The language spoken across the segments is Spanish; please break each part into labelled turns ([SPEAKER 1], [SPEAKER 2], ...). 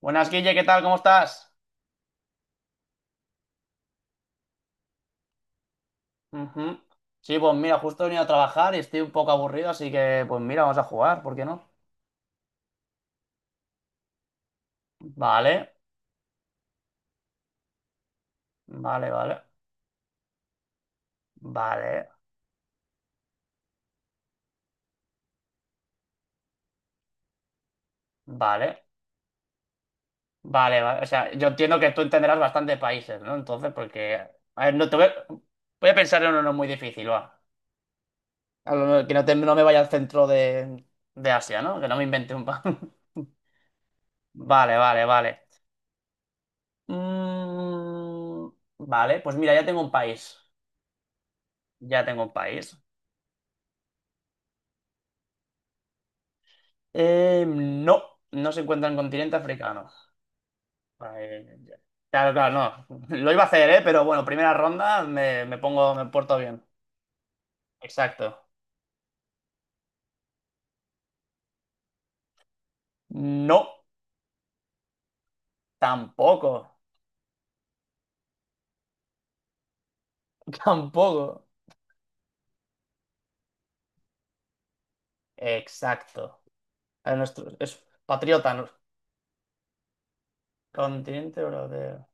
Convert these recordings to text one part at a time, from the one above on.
[SPEAKER 1] Buenas, Guille, ¿qué tal? ¿Cómo estás? Ujú. Sí, pues mira, justo he venido a trabajar y estoy un poco aburrido, así que pues mira, vamos a jugar, ¿por qué no? Vale, vale, vale, vale, vale, vale, vale. O sea, yo entiendo que tú entenderás bastantes países, ¿no? Entonces, porque... A ver, no te voy... a voy a pensar en uno muy difícil, va. Que no, no me vaya al centro de Asia, ¿no? Que no me invente Vale, vale, vale. Mm, Vale, pues mira, ya tengo un país. Ya tengo un país. No, no se encuentra en continente africano. Eh, claro, claro, no. Lo iba a hacer, ¿eh? Pero bueno, primera ronda me pongo, me porto bien. Exacto. No, tampoco. Tampoco. Exacto. A nuestro, es patriota, ¿no? Continente europeo.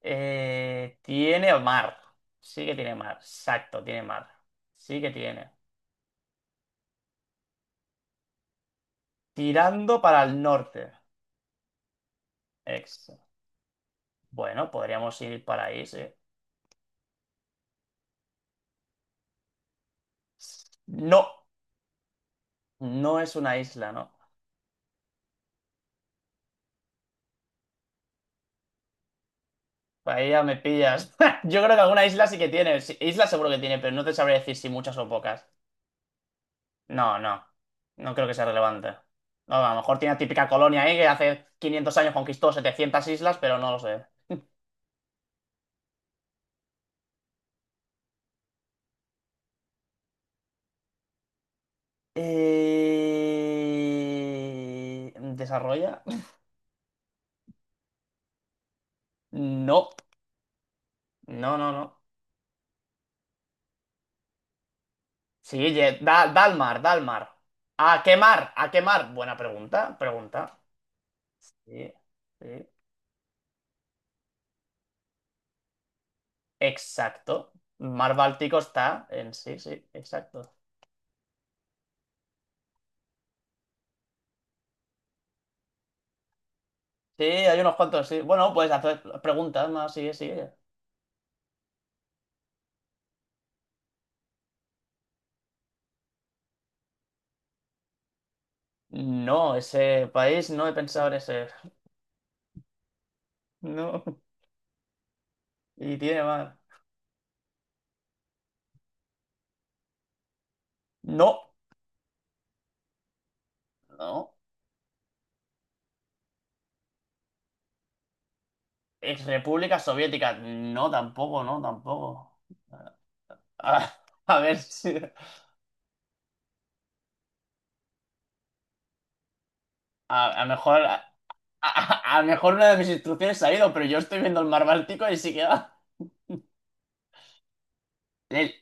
[SPEAKER 1] Tiene mar. Sí que tiene mar. Exacto, tiene mar. Sí que tiene. Tirando para el norte. Ex. Bueno, podríamos ir para ahí, sí. No. No es una isla, ¿no? Ahí ya me pillas. Yo creo que alguna isla sí que tiene. Sí, isla seguro que tiene, pero no te sabré decir si muchas o pocas. No, no. No creo que sea relevante. No, a lo mejor tiene la típica colonia ahí que hace 500 años conquistó 700 islas, pero no lo sé. ¿Desarrolla? No. No, no, no. Sí, da, da al mar, da al mar. ¿A qué mar? ¿A qué mar? Buena pregunta, pregunta. Sí, sí. Exacto. Mar Báltico está en sí, sí, exacto. Sí, hay unos cuantos, sí. Bueno, puedes hacer preguntas más, sí, sigue. No, ese país no he pensado en ese. No. Y tiene más. No, no. Ex República Soviética. No, tampoco, no, tampoco. A, a ver si. A lo mejor. A, a lo mejor una de mis instrucciones ha ido, pero yo estoy viendo el mar Báltico y sí que va. El-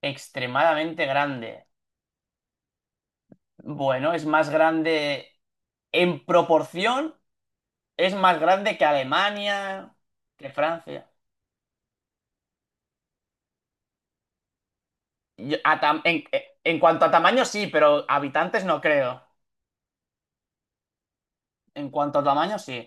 [SPEAKER 1] extremadamente grande. Bueno, es más grande. En proporción es más grande que Alemania, que Francia. Yo- a tam- en, en cuanto a tamaño sí, pero habitantes no creo. En cuanto a tamaño sí.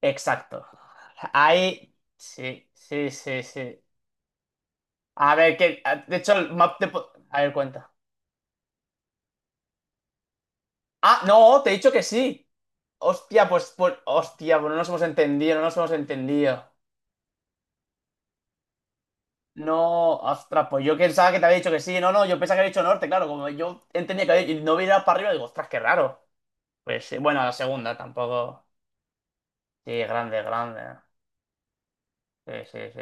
[SPEAKER 1] Exacto. Ahí sí, sí, sí, sí. A ver, que de hecho el a ver, cuenta. Ah, no, te he dicho que sí. Hostia, pues, pues, hostia, pues no nos hemos entendido, no nos hemos entendido. No, ostras, pues yo pensaba que te había dicho que sí. No, no, yo pensaba que había dicho norte, claro. Como yo entendía que no hubiera ido para arriba, digo, ostras, qué raro. Pues sí, bueno, la segunda tampoco. Sí, grande, grande. Sí, sí, sí.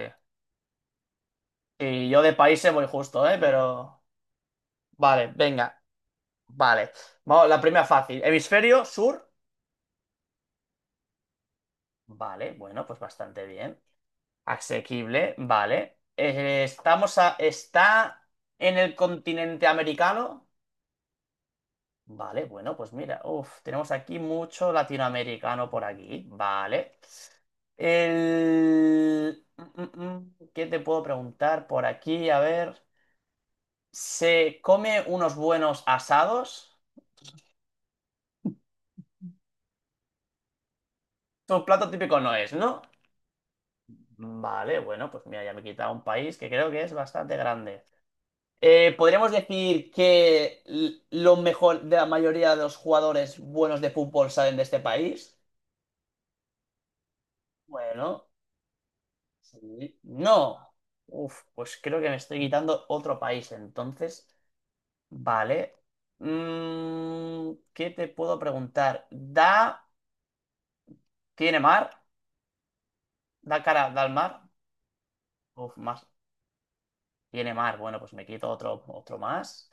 [SPEAKER 1] Y yo de países voy justo, ¿eh? Pero. Vale, venga. Vale. Vamos, la primera fácil. Hemisferio sur. Vale, bueno, pues bastante bien. Asequible, vale. Estamos a... ¿Está en el continente americano? Vale, bueno, pues mira, uf, tenemos aquí mucho latinoamericano por aquí, ¿vale? El... ¿qué te puedo preguntar por aquí? A ver, ¿se come unos buenos asados? Tu plato típico no es, ¿no? Vale, bueno, pues mira, ya me he quitado un país que creo que es bastante grande. ¿Podríamos decir que lo mejor de la mayoría de los jugadores buenos de fútbol salen de este país? Bueno. Sí. No. Uf, pues creo que me estoy quitando otro país entonces. Vale. ¿Qué te puedo preguntar? ¿Da... ¿Tiene mar? ¿Da cara da al mar? Uf, más. Tiene mar. Bueno, pues me quito otro, otro más.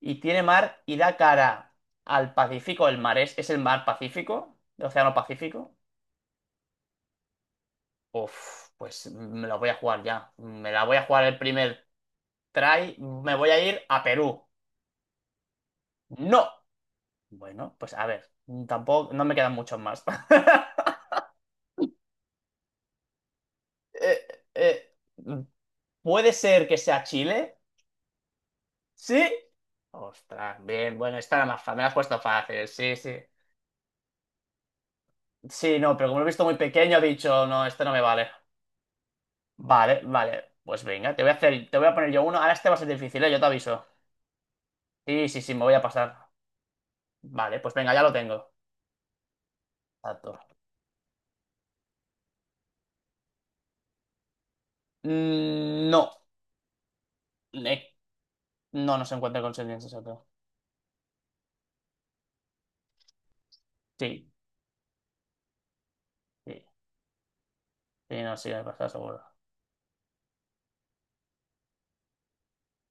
[SPEAKER 1] Y tiene mar y da cara al Pacífico. ¿El mar es el mar Pacífico? ¿El Océano Pacífico? Uf, pues me la voy a jugar ya. Me la voy a jugar el primer try. Me voy a ir a Perú. ¡No! Bueno, pues a ver, tampoco, no me quedan muchos más. Eh, eh, ¿puede ser que sea Chile? ¿Sí? Ostras, bien, bueno, esta era más fácil, me la has puesto fácil, sí, sí. Sí, no, pero como lo he visto muy pequeño, he dicho, no, este no me vale. Vale, vale, pues venga, te voy a hacer, te voy a poner yo uno, ahora este va a ser difícil, ¿eh? Yo te aviso. Sí, sí, sí, me voy a pasar. Vale, pues venga, ya lo tengo. Exacto. No. Eh, no, no se encuentra con sirvientes, exacto. Sí, sí, sí, no, sí, me pasa seguro.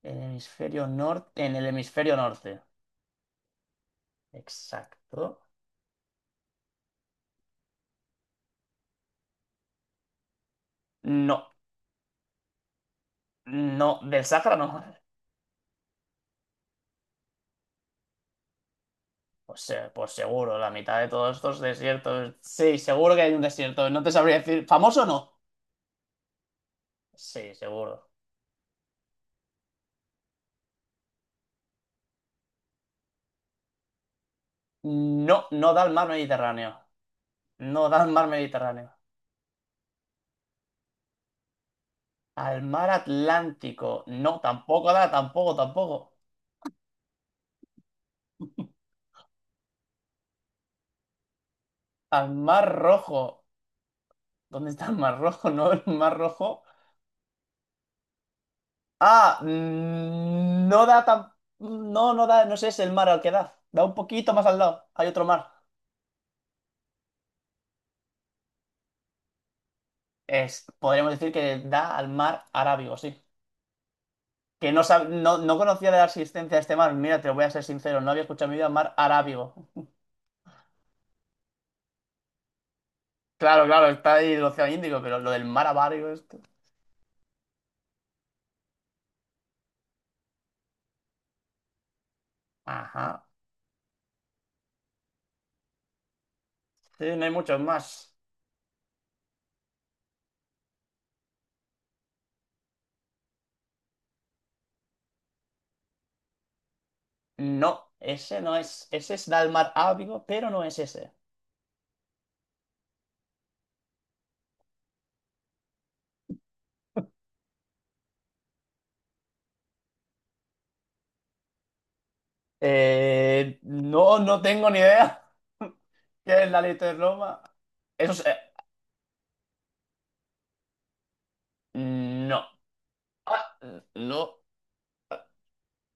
[SPEAKER 1] El hemisferio norte, en el hemisferio norte. Exacto. No, no, del Sahara no. Pues, pues seguro, la mitad de todos estos desiertos. Sí, seguro que hay un desierto. No te sabría decir. ¿Famoso o no? Sí, seguro. No, no da al mar Mediterráneo. No da al mar Mediterráneo. Al mar Atlántico. No, tampoco da, tampoco, tampoco. Al mar Rojo. ¿Dónde está el mar Rojo? No, el mar Rojo. Ah, no da tan... No, no da, no sé, es el mar al que da. Da un poquito más al lado. Hay otro mar. Es, podríamos decir que da al mar Arábigo, sí. Que no, no, no conocía de la existencia de este mar. Mira, te voy a ser sincero, no había escuchado en mi vida mar Arábigo. Claro, claro, está ahí el Océano Índico, pero lo del mar Arábigo, esto. Ajá. Sí, no hay muchos más. No, ese no es. Ese es da al mar Arábigo, pero no es ese. No, no tengo ni idea. ¿Qué es la leche de Roma? Eso es... no. Ah, no.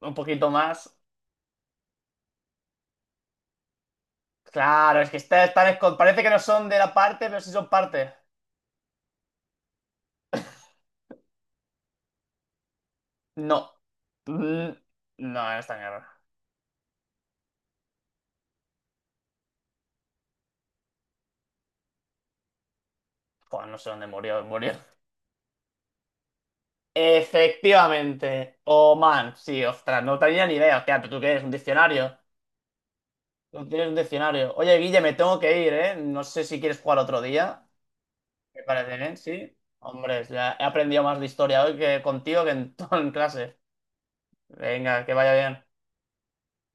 [SPEAKER 1] Un poquito más. Claro, es que están... parece que no son de la parte, pero sí son parte. No. Mm, no, no está en guerra. Joder, no sé dónde murió. Murió. Efectivamente. Oman. Sí, ostras, no tenía ni idea. Hostia, ¿pero tú qué eres? ¿Un diccionario? Tú tienes un diccionario. Oye, Guille, me tengo que ir, ¿eh? No sé si quieres jugar otro día. Me parece bien, sí. Hombre, ya he aprendido más de historia hoy que contigo que en, todo en clase. Venga, que vaya bien.